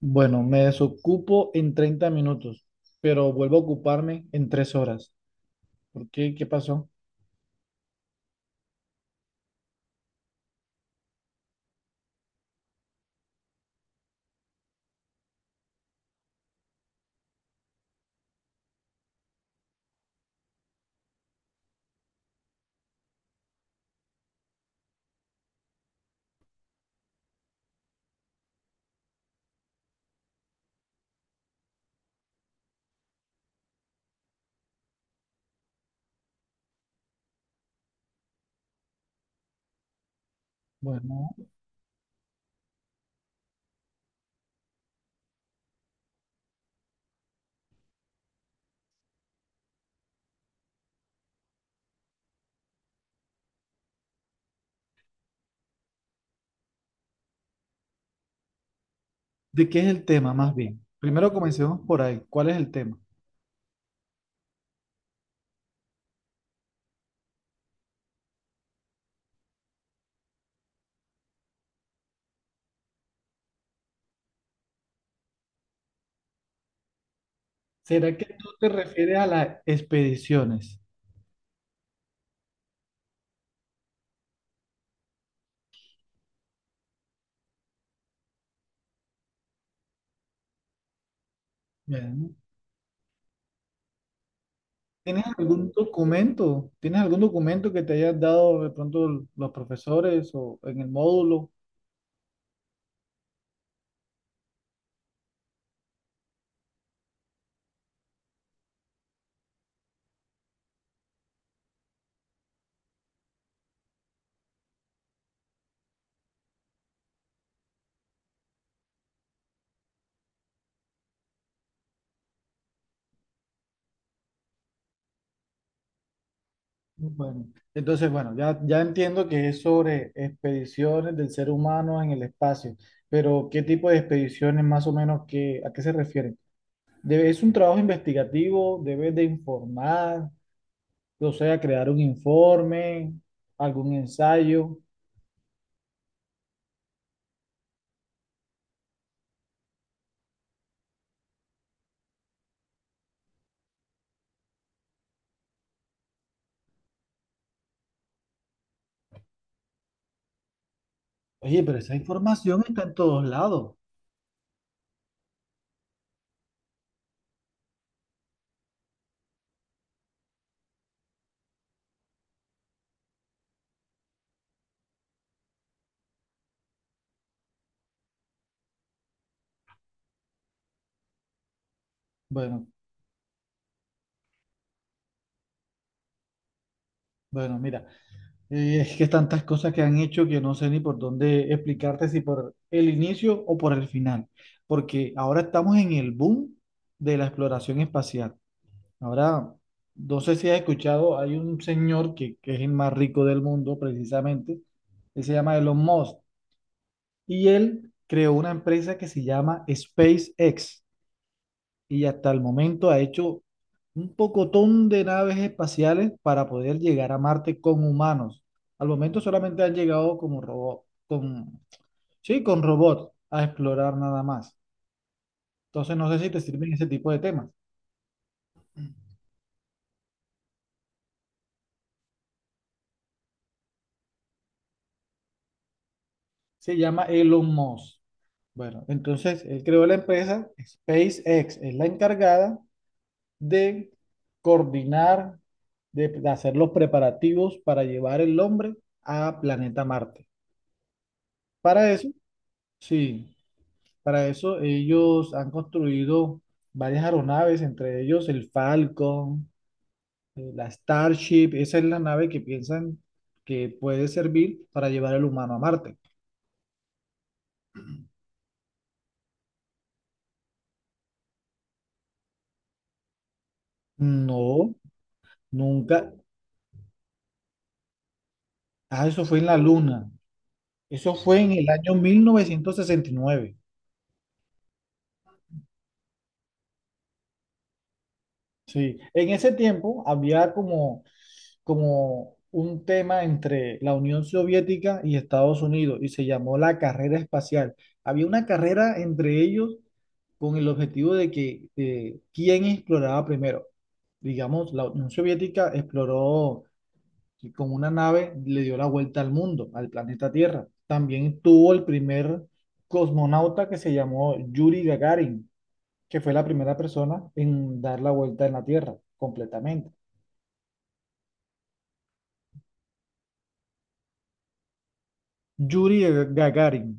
Bueno, me desocupo en 30 minutos, pero vuelvo a ocuparme en 3 horas. ¿Por qué? ¿Qué pasó? Bueno, ¿de qué es el tema más bien? Primero comencemos por ahí. ¿Cuál es el tema? ¿Será que tú te refieres a las expediciones? Bueno, ¿tienes algún documento? ¿Tienes algún documento que te hayas dado de pronto los profesores o en el módulo. Bueno, entonces, bueno, ya entiendo que es sobre expediciones del ser humano en el espacio, pero ¿qué tipo de expediciones más o menos que, a qué se refieren? ¿Es un trabajo investigativo? ¿Debes de informar? O sea, crear un informe, algún ensayo. Oye, pero esa información está en todos lados. Bueno, bueno, mira, es que tantas cosas que han hecho que no sé ni por dónde explicarte, si por el inicio o por el final, porque ahora estamos en el boom de la exploración espacial. Ahora, no sé si has escuchado, hay un señor que es el más rico del mundo, precisamente, él se llama Elon Musk, y él creó una empresa que se llama SpaceX y hasta el momento ha hecho un pocotón de naves espaciales para poder llegar a Marte con humanos. Al momento solamente han llegado como robot, sí, con robots a explorar nada más. Entonces no sé si te sirven ese tipo de temas. Se llama Elon Musk. Bueno, entonces él creó la empresa SpaceX, es la encargada de coordinar, de hacer los preparativos para llevar el hombre a planeta Marte. Para eso, sí. Para eso ellos han construido varias aeronaves, entre ellos el Falcon, la Starship. Esa es la nave que piensan que puede servir para llevar al humano a Marte. No, nunca. Ah, eso fue en la Luna. Eso fue en el año 1969. Sí, en ese tiempo había como un tema entre la Unión Soviética y Estados Unidos y se llamó la carrera espacial. Había una carrera entre ellos con el objetivo de que quién exploraba primero. Digamos, la Unión Soviética exploró y con una nave, le dio la vuelta al mundo, al planeta Tierra. También tuvo el primer cosmonauta que se llamó Yuri Gagarin, que fue la primera persona en dar la vuelta en la Tierra completamente. Yuri Gagarin,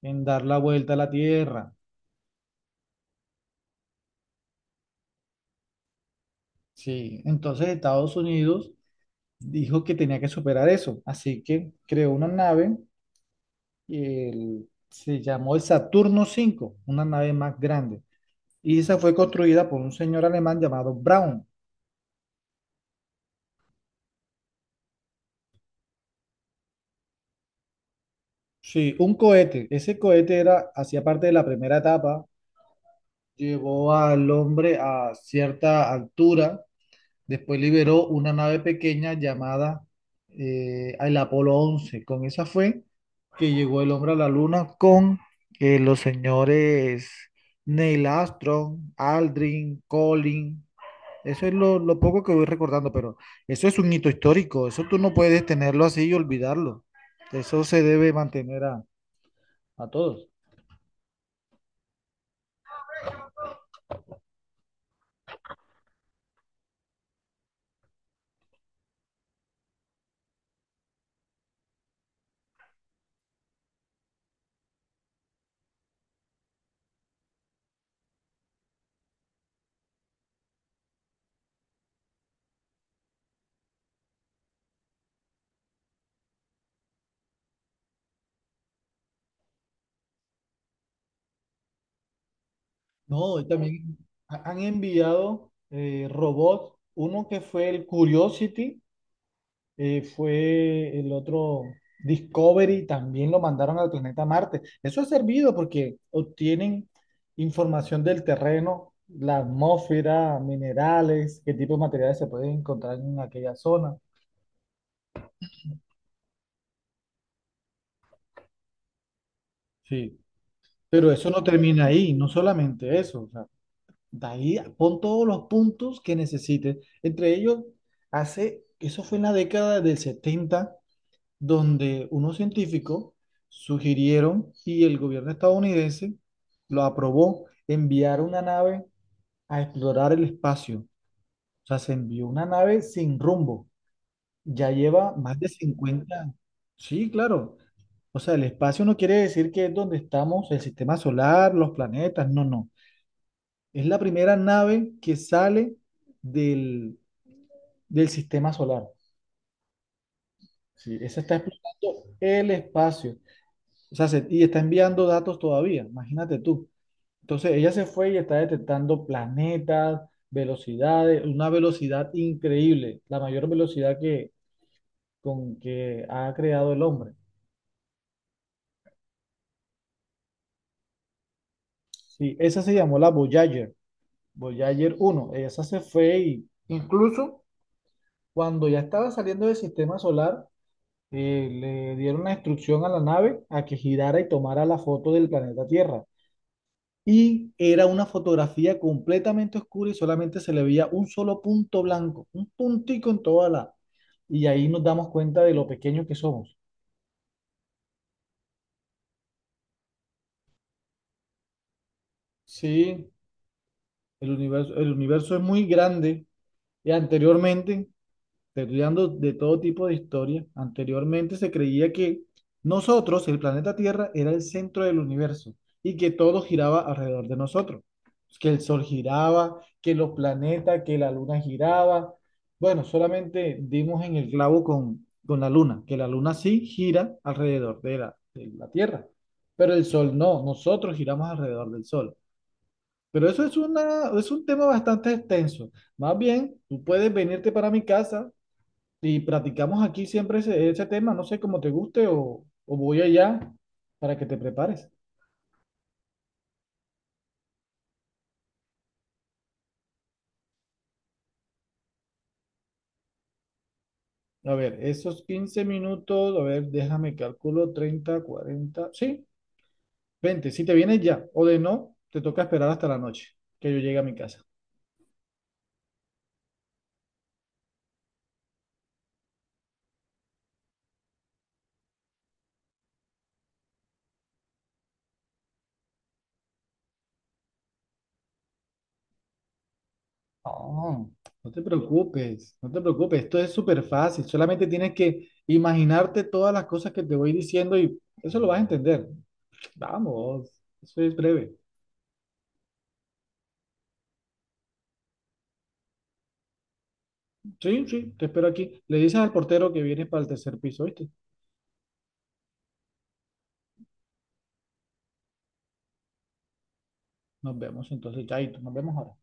en dar la vuelta a la Tierra. Sí, entonces Estados Unidos dijo que tenía que superar eso, así que creó una nave, y se llamó el Saturno cinco, una nave más grande, y esa fue construida por un señor alemán llamado Braun. Sí, un cohete. Ese cohete era, hacía parte de la primera etapa, llevó al hombre a cierta altura. Después liberó una nave pequeña llamada el Apolo 11. Con esa fue que llegó el hombre a la luna con los señores Neil Armstrong, Aldrin, Collins. Eso es lo poco que voy recordando, pero eso es un hito histórico. Eso tú no puedes tenerlo así y olvidarlo. Eso se debe mantener a todos. No, y también han enviado robots. Uno que fue el Curiosity. Fue el otro Discovery, también lo mandaron al planeta Marte. Eso ha servido porque obtienen información del terreno, la atmósfera, minerales, qué tipo de materiales se pueden encontrar en aquella zona. Sí. Pero eso no termina ahí, no solamente eso. O sea, de ahí pon todos los puntos que necesites. Entre ellos, eso fue en la década del 70 donde unos científicos sugirieron y el gobierno estadounidense lo aprobó, enviar una nave a explorar el espacio. O sea, se envió una nave sin rumbo. Ya lleva más de 50. Sí, claro. O sea, el espacio no quiere decir que es donde estamos, el sistema solar, los planetas, no, no. Es la primera nave que sale del, del sistema solar. Sí, esa está explorando el espacio. O sea, y está enviando datos todavía, imagínate tú. Entonces, ella se fue y está detectando planetas, velocidades, una velocidad increíble, la mayor velocidad con que ha creado el hombre. Sí, esa se llamó la Voyager, Voyager 1. Esa se fue y incluso cuando ya estaba saliendo del sistema solar, le dieron la instrucción a la nave a que girara y tomara la foto del planeta Tierra. Y era una fotografía completamente oscura y solamente se le veía un solo punto blanco, un puntico en toda la... Y ahí nos damos cuenta de lo pequeños que somos. Sí, el universo es muy grande. Y anteriormente. Te estoy dando de todo tipo de historia. Anteriormente se creía que nosotros, el planeta Tierra, era el centro del universo y que todo giraba alrededor de nosotros. Que el Sol giraba, que los planetas, que la Luna giraba. Bueno, solamente dimos en el clavo con la Luna, que la Luna sí gira alrededor de la Tierra, pero el Sol no, nosotros giramos alrededor del Sol. Pero eso es un tema bastante extenso. Más bien, tú puedes venirte para mi casa y practicamos aquí siempre ese tema, no sé cómo te guste o voy allá para que te prepares. A ver, esos 15 minutos, a ver, déjame calculo, 30, 40, sí, 20, si te vienes ya o de no, te toca esperar hasta la noche que yo llegue a mi casa. No, no te preocupes, no te preocupes, esto es súper fácil, solamente tienes que imaginarte todas las cosas que te voy diciendo y eso lo vas a entender. Vamos, eso es breve. Sí, sí, te espero aquí. Le dices al portero que vienes para el tercer piso, ¿viste? Nos vemos entonces, chaito, nos vemos ahora.